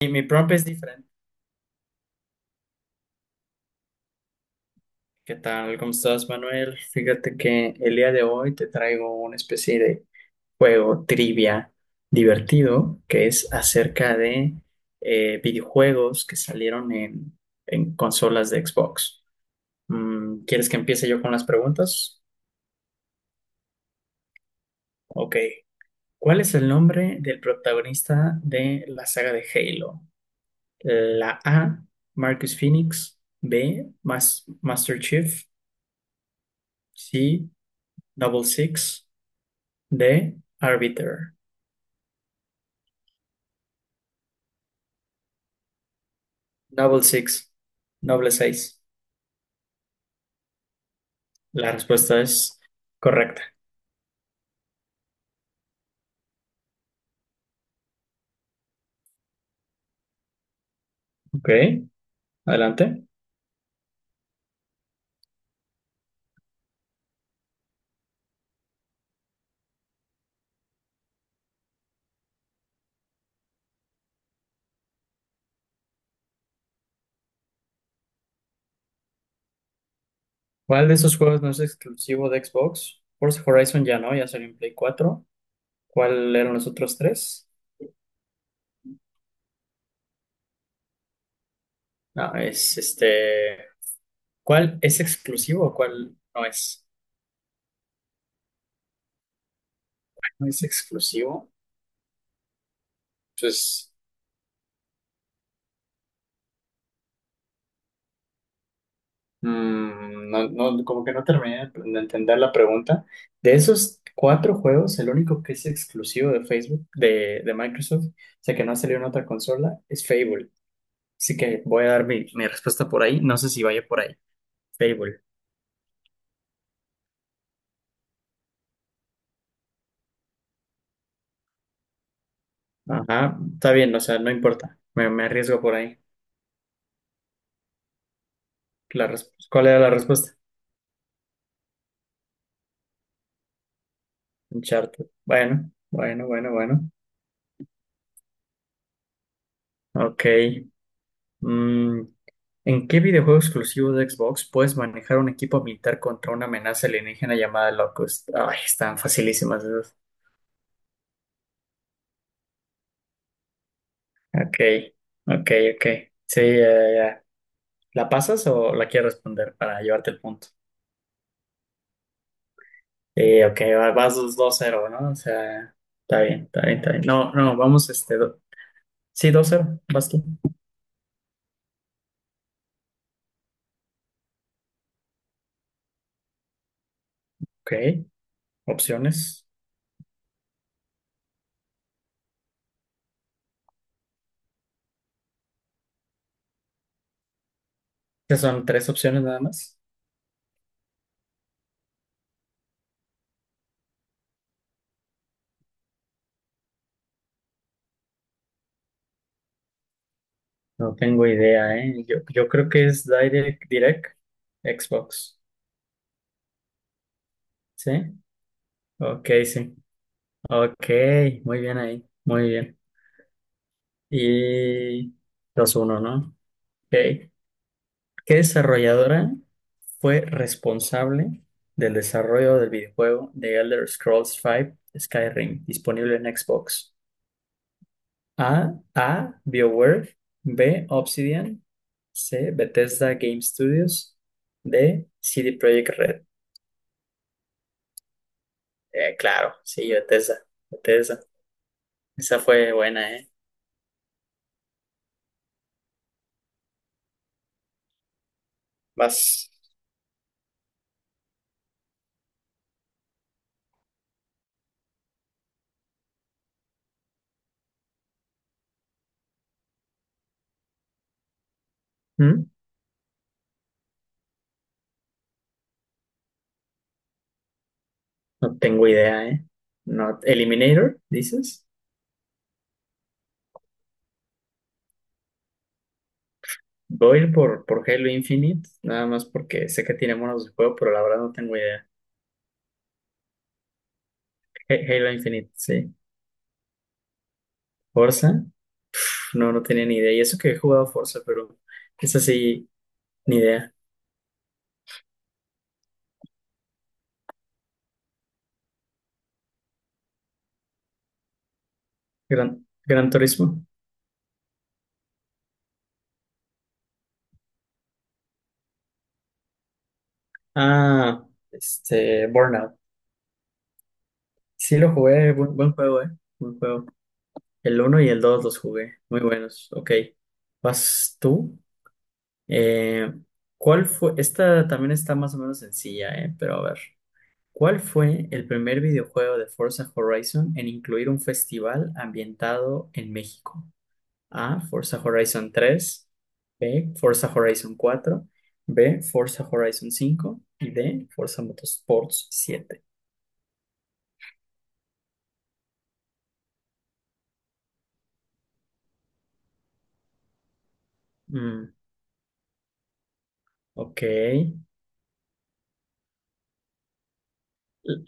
Y mi prompt es diferente. ¿Qué tal? ¿Cómo estás, Manuel? Fíjate que el día de hoy te traigo una especie de juego trivia divertido que es acerca de videojuegos que salieron en consolas de Xbox. ¿Quieres que empiece yo con las preguntas? Ok. ¿Cuál es el nombre del protagonista de la saga de Halo? La A, Marcus Phoenix. B, Master Chief. C, Double Six. De Arbiter. Double six, doble seis. La respuesta es correcta. Ok, adelante. ¿Cuál de esos juegos no es exclusivo de Xbox? Forza Horizon ya no, ya salió en Play 4. ¿Cuál eran los otros tres? No, es este. ¿Cuál es exclusivo o cuál no es? No es exclusivo. Entonces. No, no, como que no terminé de entender la pregunta. De esos cuatro juegos, el único que es exclusivo de Facebook, de Microsoft, o sea que no ha salido en otra consola, es Fable. Así que voy a dar mi respuesta por ahí. No sé si vaya por ahí. Fable. Ajá, está bien, o sea, no importa. Me arriesgo por ahí. ¿Cuál era la respuesta? Uncharted. Bueno, bueno, bueno, bueno. Ok. Mm, ¿en qué videojuego exclusivo de Xbox puedes manejar un equipo militar contra una amenaza alienígena llamada Locust? Ay, están facilísimas esas. Ok, ok, ok. Sí, ya, ya. ¿La pasas o la quieres responder para llevarte el punto? Sí, ok, vas 2-0, ¿no? O sea, está bien, está bien, está bien. No, no, vamos, este, sí, 2-0, vas tú. Ok, opciones. Estas son tres opciones nada más. No tengo idea, ¿eh? Yo creo que es Direct, Xbox, ¿sí? Ok, sí. Ok, muy bien ahí. Muy bien. Y 2-1, ¿no? Ok. ¿Qué desarrolladora fue responsable del desarrollo del videojuego The Elder Scrolls V Skyrim, disponible en Xbox? A. BioWare. B. Obsidian. C. Bethesda Game Studios. D. CD Projekt Red. Claro, sí, Bethesda. Bethesda. Esa fue buena, ¿eh? Vas. No tengo idea, ¿eh? No, Eliminator, dices. Voy a ir por Halo Infinite, nada más porque sé que tiene monos de juego, pero la verdad no tengo idea. Halo Infinite, sí. Forza, pf, no, no tenía ni idea. Y eso que he jugado Forza, pero es así, ni idea. Gran Turismo. Ah, este, Burnout. Sí lo jugué, buen juego, ¿eh? Buen juego. El uno y el 2 los jugué, muy buenos. Ok. ¿Vas tú? Eh, ¿Cuál fue? Esta también está más o menos sencilla, pero a ver. ¿Cuál fue el primer videojuego de Forza Horizon en incluir un festival ambientado en México? A. Forza Horizon 3. B. Forza Horizon 4. B. Forza Horizon 5. Y D. Forza Motorsports 7. Mm, ok. L-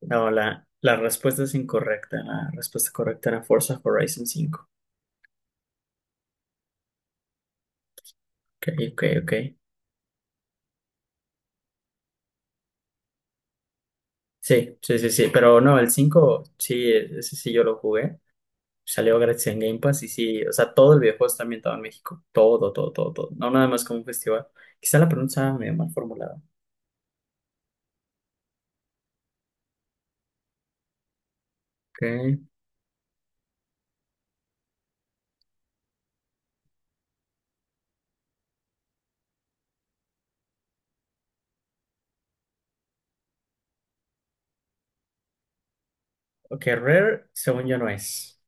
No, la respuesta es incorrecta. La respuesta correcta era Forza Horizon 5. Ok, ok, ok. Sí, sí, sí, sí, pero no, el 5 sí, ese sí yo lo jugué, salió gratis en Game Pass y sí, o sea, todo el videojuego está ambientado en México, todo, todo, todo, todo, no nada más como un festival. Quizá la pregunta estaba medio mal formulada. Ok, ok, Rare, según yo no es.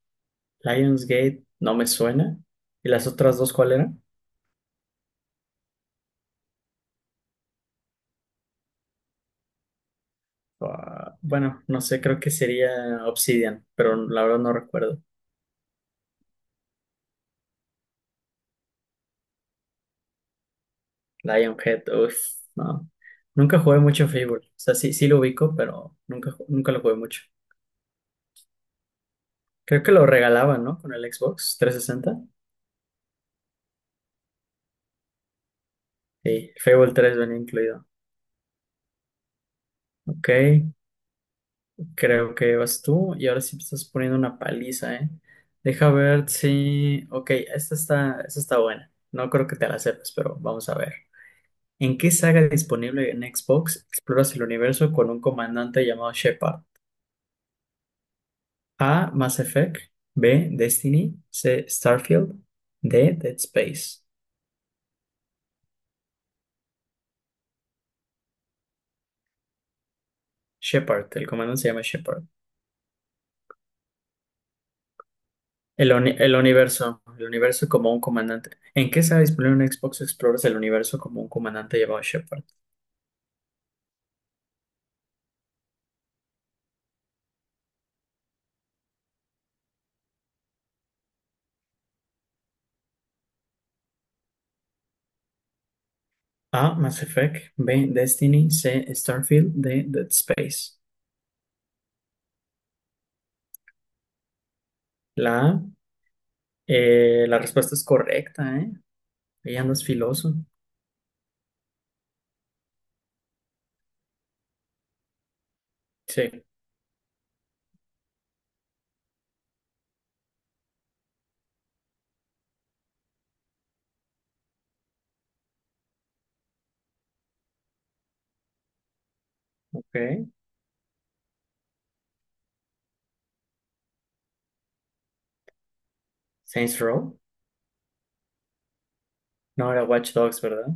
Lionsgate no me suena. ¿Y las otras dos cuál eran? Ah, bueno, no sé, creo que sería Obsidian, pero la verdad no recuerdo. Lionhead, uff, no. Nunca jugué mucho Fable, o sea, sí, sí lo ubico, pero nunca lo jugué mucho. Creo que lo regalaban, ¿no? Con el Xbox 360. Sí, Fable 3 venía incluido. Ok, creo que vas tú y ahora sí me estás poniendo una paliza, ¿eh? Deja ver si... Ok, esta está buena. No creo que te la sepas, pero vamos a ver. ¿En qué saga disponible en Xbox exploras el universo con un comandante llamado Shepard? A. Mass Effect. B. Destiny. C. Starfield. D. Dead Space. Shepard, el comandante se llama Shepard. El universo como un comandante. ¿En qué está disponible un Xbox Explorers el universo como un comandante llamado Shepard? A. Mass Effect. B. Destiny. C. Starfield. D. Dead Space. La A. La respuesta es correcta, ¿eh? Ahí andas filoso. Sí. Ok. Saints Row. No era Watch Dogs, ¿verdad?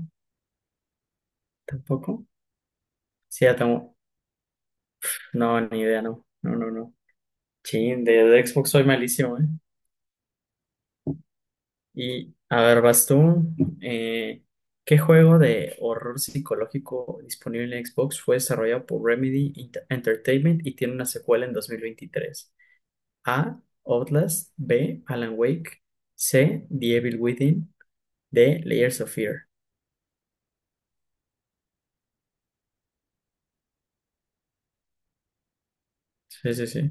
Tampoco. Sí, ya tengo. No, ni idea, no. No, no, no. Sí de Xbox soy malísimo, ¿eh? Y a ver, vas tú. Eh, ¿Qué juego de horror psicológico disponible en Xbox fue desarrollado por Remedy Entertainment y tiene una secuela en 2023? A. Outlast. B. Alan Wake. C. The Evil Within. D. Layers of Fear. Sí, sí, sí.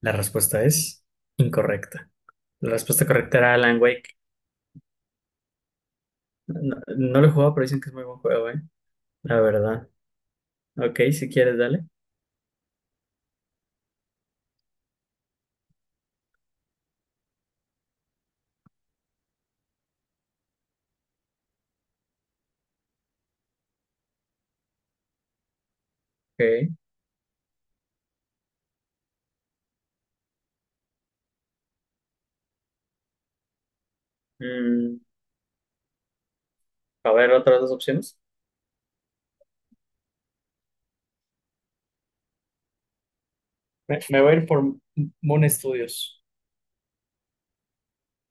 La respuesta es incorrecta. La respuesta correcta era Alan Wake. No, no lo he jugado, pero dicen que es muy buen juego, ¿eh? La verdad. Ok, si quieres, dale. Ok. Mm, a ver, otras dos opciones. Me voy a ir por Moon Studios.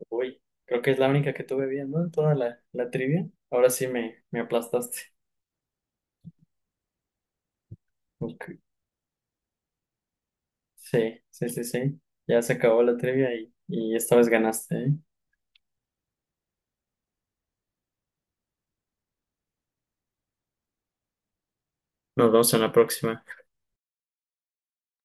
Uy, creo que es la única que tuve bien, ¿no? Toda la trivia. Ahora sí me aplastaste. Ok. Sí, sí, sí, sí. Ya se acabó la trivia y esta vez ganaste, ¿eh? Nos vemos en la próxima.